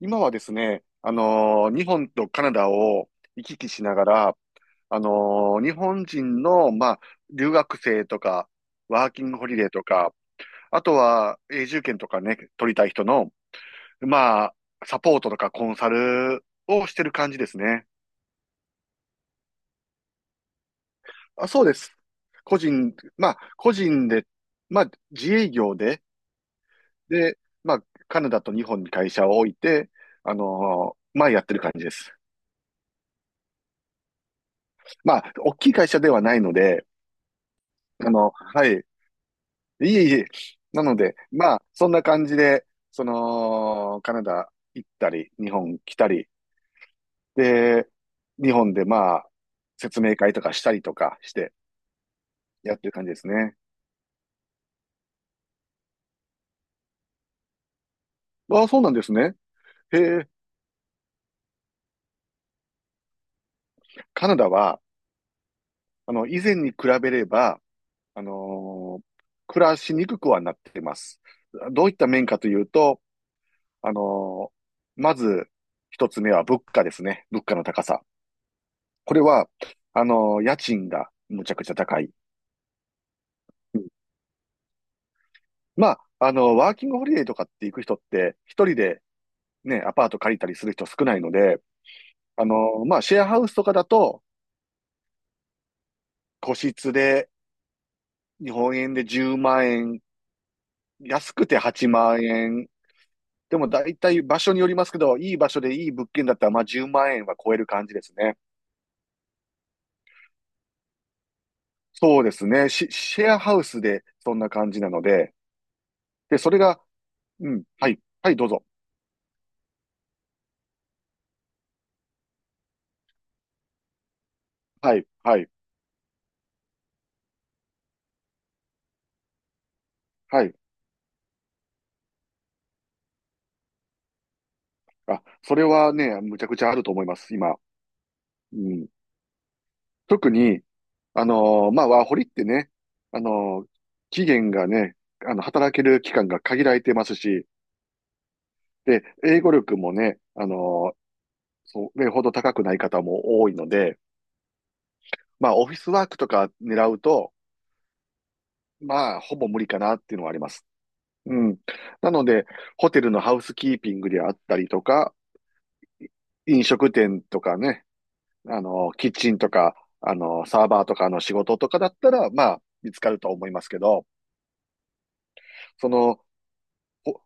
今はですね、日本とカナダを行き来しながら、あの日本人の、まあ、留学生とか、ワーキングホリデーとか、あとは永住権とかね、取りたい人の、まあ、サポートとかコンサルをしてる感じですね。あ、そうです。個人で、まあ、自営業で、まあ、カナダと日本に会社を置いて、まあ、やってる感じです。まあ、大きい会社ではないので、はい。いえいえ。なので、まあ、そんな感じで、その、カナダ行ったり、日本来たり、で、日本でまあ、説明会とかしたりとかして、やってる感じですね。ああ、そうなんですね。へえ、カナダは、以前に比べれば、あのー暮らしにくくはなっています。どういった面かというと、あのまず、一つ目は物価ですね。物価の高さ。これは、あの、家賃がむちゃくちゃ高い。うんまあ、ワーキングホリデーとかって行く人って、一人でね、アパート借りたりする人少ないので、まあ、シェアハウスとかだと、個室で、日本円で10万円、安くて8万円。でも大体場所によりますけど、いい場所でいい物件だったら、まあ、10万円は超える感じですね。そうですね。シェアハウスでそんな感じなので、で、それが、うん、はい、はい、どうぞ。はい、はい、はい。あ、それはね、むちゃくちゃあると思います、今。うん。特に、まあ、ワーホリってね、あのー期限がね、働ける期間が限られてますし、で、英語力もね、ーそれほど高くない方も多いので、まあ、オフィスワークとか狙うと、まあ、ほぼ無理かなっていうのはあります。うん。なので、ホテルのハウスキーピングであったりとか、飲食店とかね、キッチンとか、サーバーとかの仕事とかだったら、まあ、見つかると思いますけど、その、ほ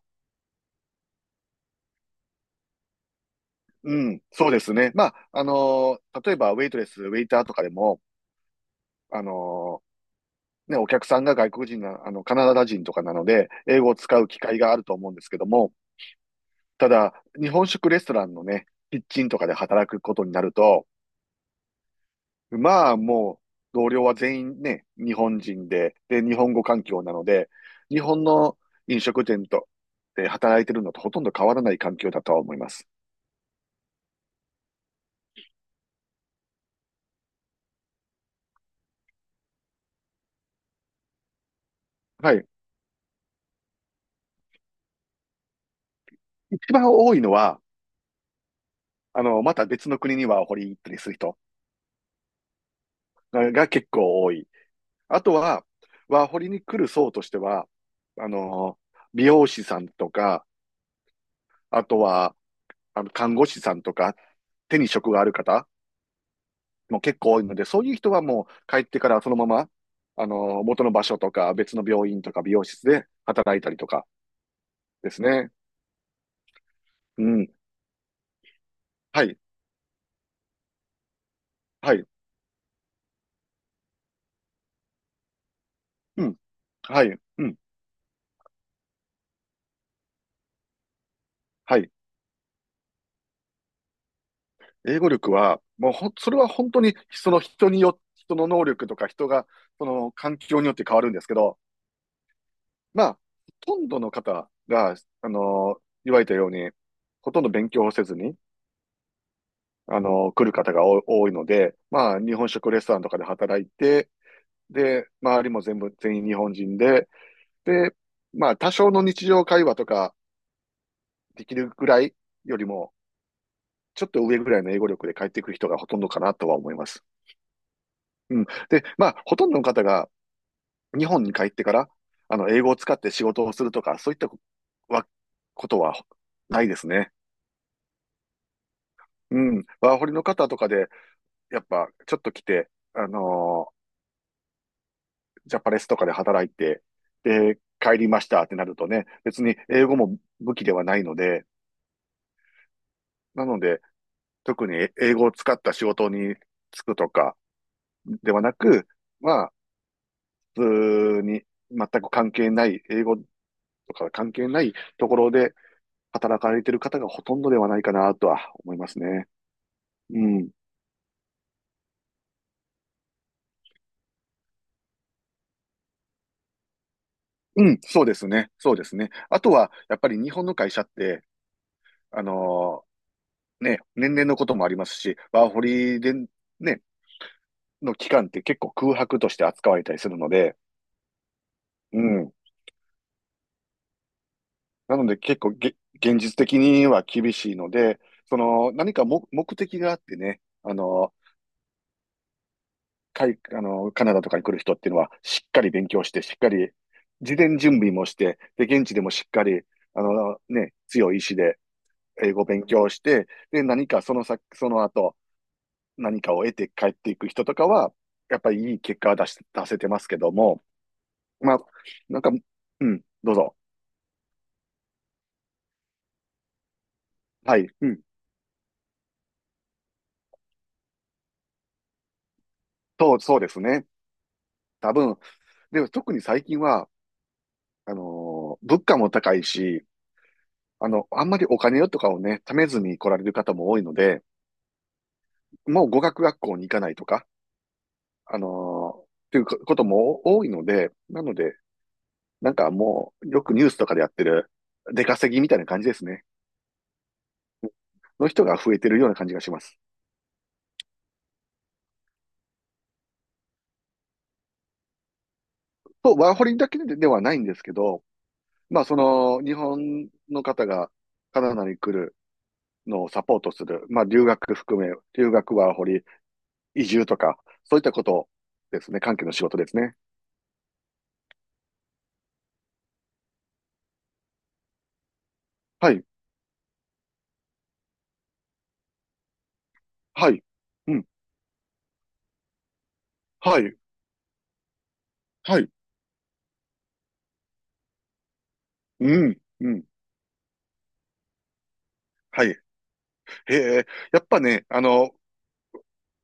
うん、そうですね。まあ、例えば、ウェイトレス、ウェイターとかでも、あの、ね、お客さんが外国人な、カナダ人とかなので、英語を使う機会があると思うんですけども、ただ、日本食レストランのね、キッチンとかで働くことになると、まあ、もう、同僚は全員ね、日本人で、で、日本語環境なので、日本の飲食店と、で、働いてるのとほとんど変わらない環境だとは思います。はい。一番多いのは、また別の国にワーホリ行ったりする人が結構多い。あとは、ワーホリに来る層としては、あの、美容師さんとか、あとは、看護師さんとか、手に職がある方も結構多いので、そういう人はもう帰ってからそのまま、元の場所とか別の病院とか美容室で働いたりとかですね。うん。はい。はい。うん。はい。うん。はい。英語力は、もうほん、それは本当にその人によ、人の能力とか人が、その環境によって変わるんですけど、まあ、ほとんどの方が、言われたように、ほとんど勉強をせずに、来る方がお多いので、まあ、日本食レストランとかで働いて、で、周りも全部、全員日本人で、で、まあ、多少の日常会話とかできるぐらいよりも、ちょっと上ぐらいの英語力で帰ってくる人がほとんどかなとは思います。うん。で、まあ、ほとんどの方が日本に帰ってから、英語を使って仕事をするとか、そういったはことはないですね。うん。ワーホリの方とかで、やっぱ、ちょっと来て、ジャパレスとかで働いて、で、帰りましたってなるとね、別に英語も武器ではないので、なので、特に英語を使った仕事に就くとかではなく、まあ、普通に全く関係ない、英語とか関係ないところで働かれている方がほとんどではないかなとは思いますね。うん。うん、そうですね。そうですね。あとは、やっぱり日本の会社って、あのね、年齢のこともありますし、ワーホリで、ね、の期間って結構空白として扱われたりするので、うん。なので結構現実的には厳しいので、その何か目的があってね、あの、かい、あの、カナダとかに来る人っていうのはしっかり勉強して、しっかり事前準備もして、で、現地でもしっかり、ね、強い意志で英語を勉強して、で、何かその先、その後、何かを得て帰っていく人とかは、やっぱりいい結果は出せてますけども、まあ、なんか、うん、どうぞ。はい、うん、そうですね。多分、でも特に最近は、物価も高いし、あんまりお金とかをね、貯めずに来られる方も多いので、もう語学学校に行かないとか、あのっていうことも多いので、なので、なんかもう、よくニュースとかでやってる、出稼ぎみたいな感じですね。の人が増えてるような感じがします。ワーホリだけではないんですけど、まあ、その、日本の方がカナダに来るのをサポートする、まあ、留学含め、留学ワーホリ、移住とか、そういったことですね、関係の仕事ですね。はい。はい。うん。はい。はい。うん。うん。はい。へえ。やっぱね、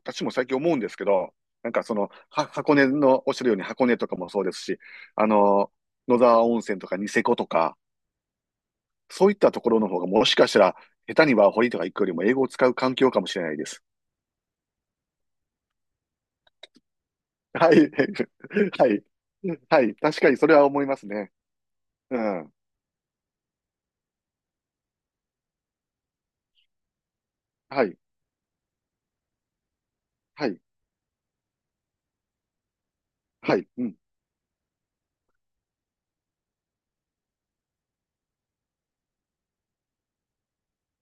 私も最近思うんですけど、なんかその、箱根の、おっしゃるように箱根とかもそうですし、あの、野沢温泉とかニセコとか、そういったところの方がもしかしたら、下手にワーホリとか行くよりも英語を使う環境かもしれないです。はい。はい。はい。確かにそれは思いますね。うん。はい。はい。はい。うん。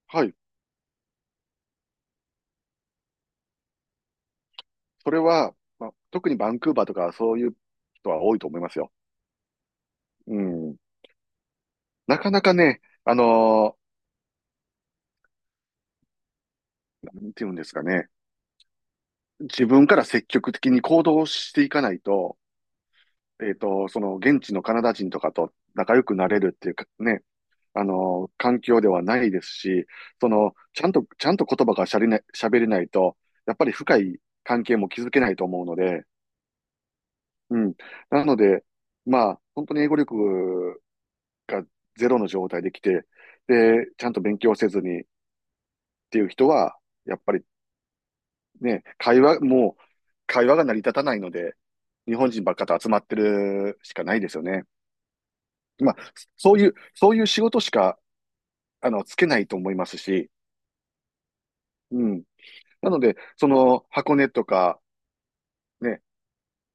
はい。それは、まあ、特にバンクーバーとかそういう人は多いと思いますよ。うん。なかなかね、なんていうんですかね、自分から積極的に行動していかないと、えっと、その現地のカナダ人とかと仲良くなれるっていうかね、環境ではないですし、その、ちゃんと、ちゃんと言葉がしゃれない、喋れないと、やっぱり深い関係も築けないと思うので、うん。なので、まあ、本当に英語力がゼロの状態で来て、で、ちゃんと勉強せずにっていう人は、やっぱりね、もう会話が成り立たないので、日本人ばっかと集まってるしかないですよね。まあ、そういう、そういう仕事しか、つけないと思いますし、うん。なので、その、箱根とか、ね、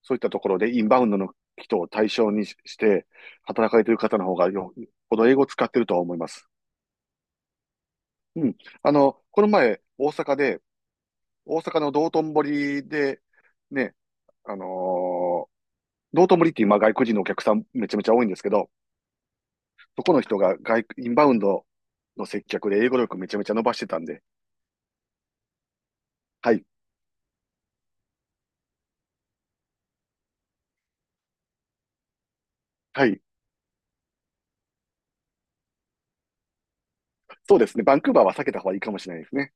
そういったところでインバウンドの人を対象にして、働かれてる方の方ほど英語を使ってるとは思います。うん。この前、大阪で、大阪の道頓堀で、ね、あのー道頓堀って今外国人のお客さんめちゃめちゃ多いんですけど、そこの人がインバウンドの接客で英語力めちゃめちゃ伸ばしてたんで、はい、はい、そうですね、バンクーバーは避けた方がいいかもしれないですね。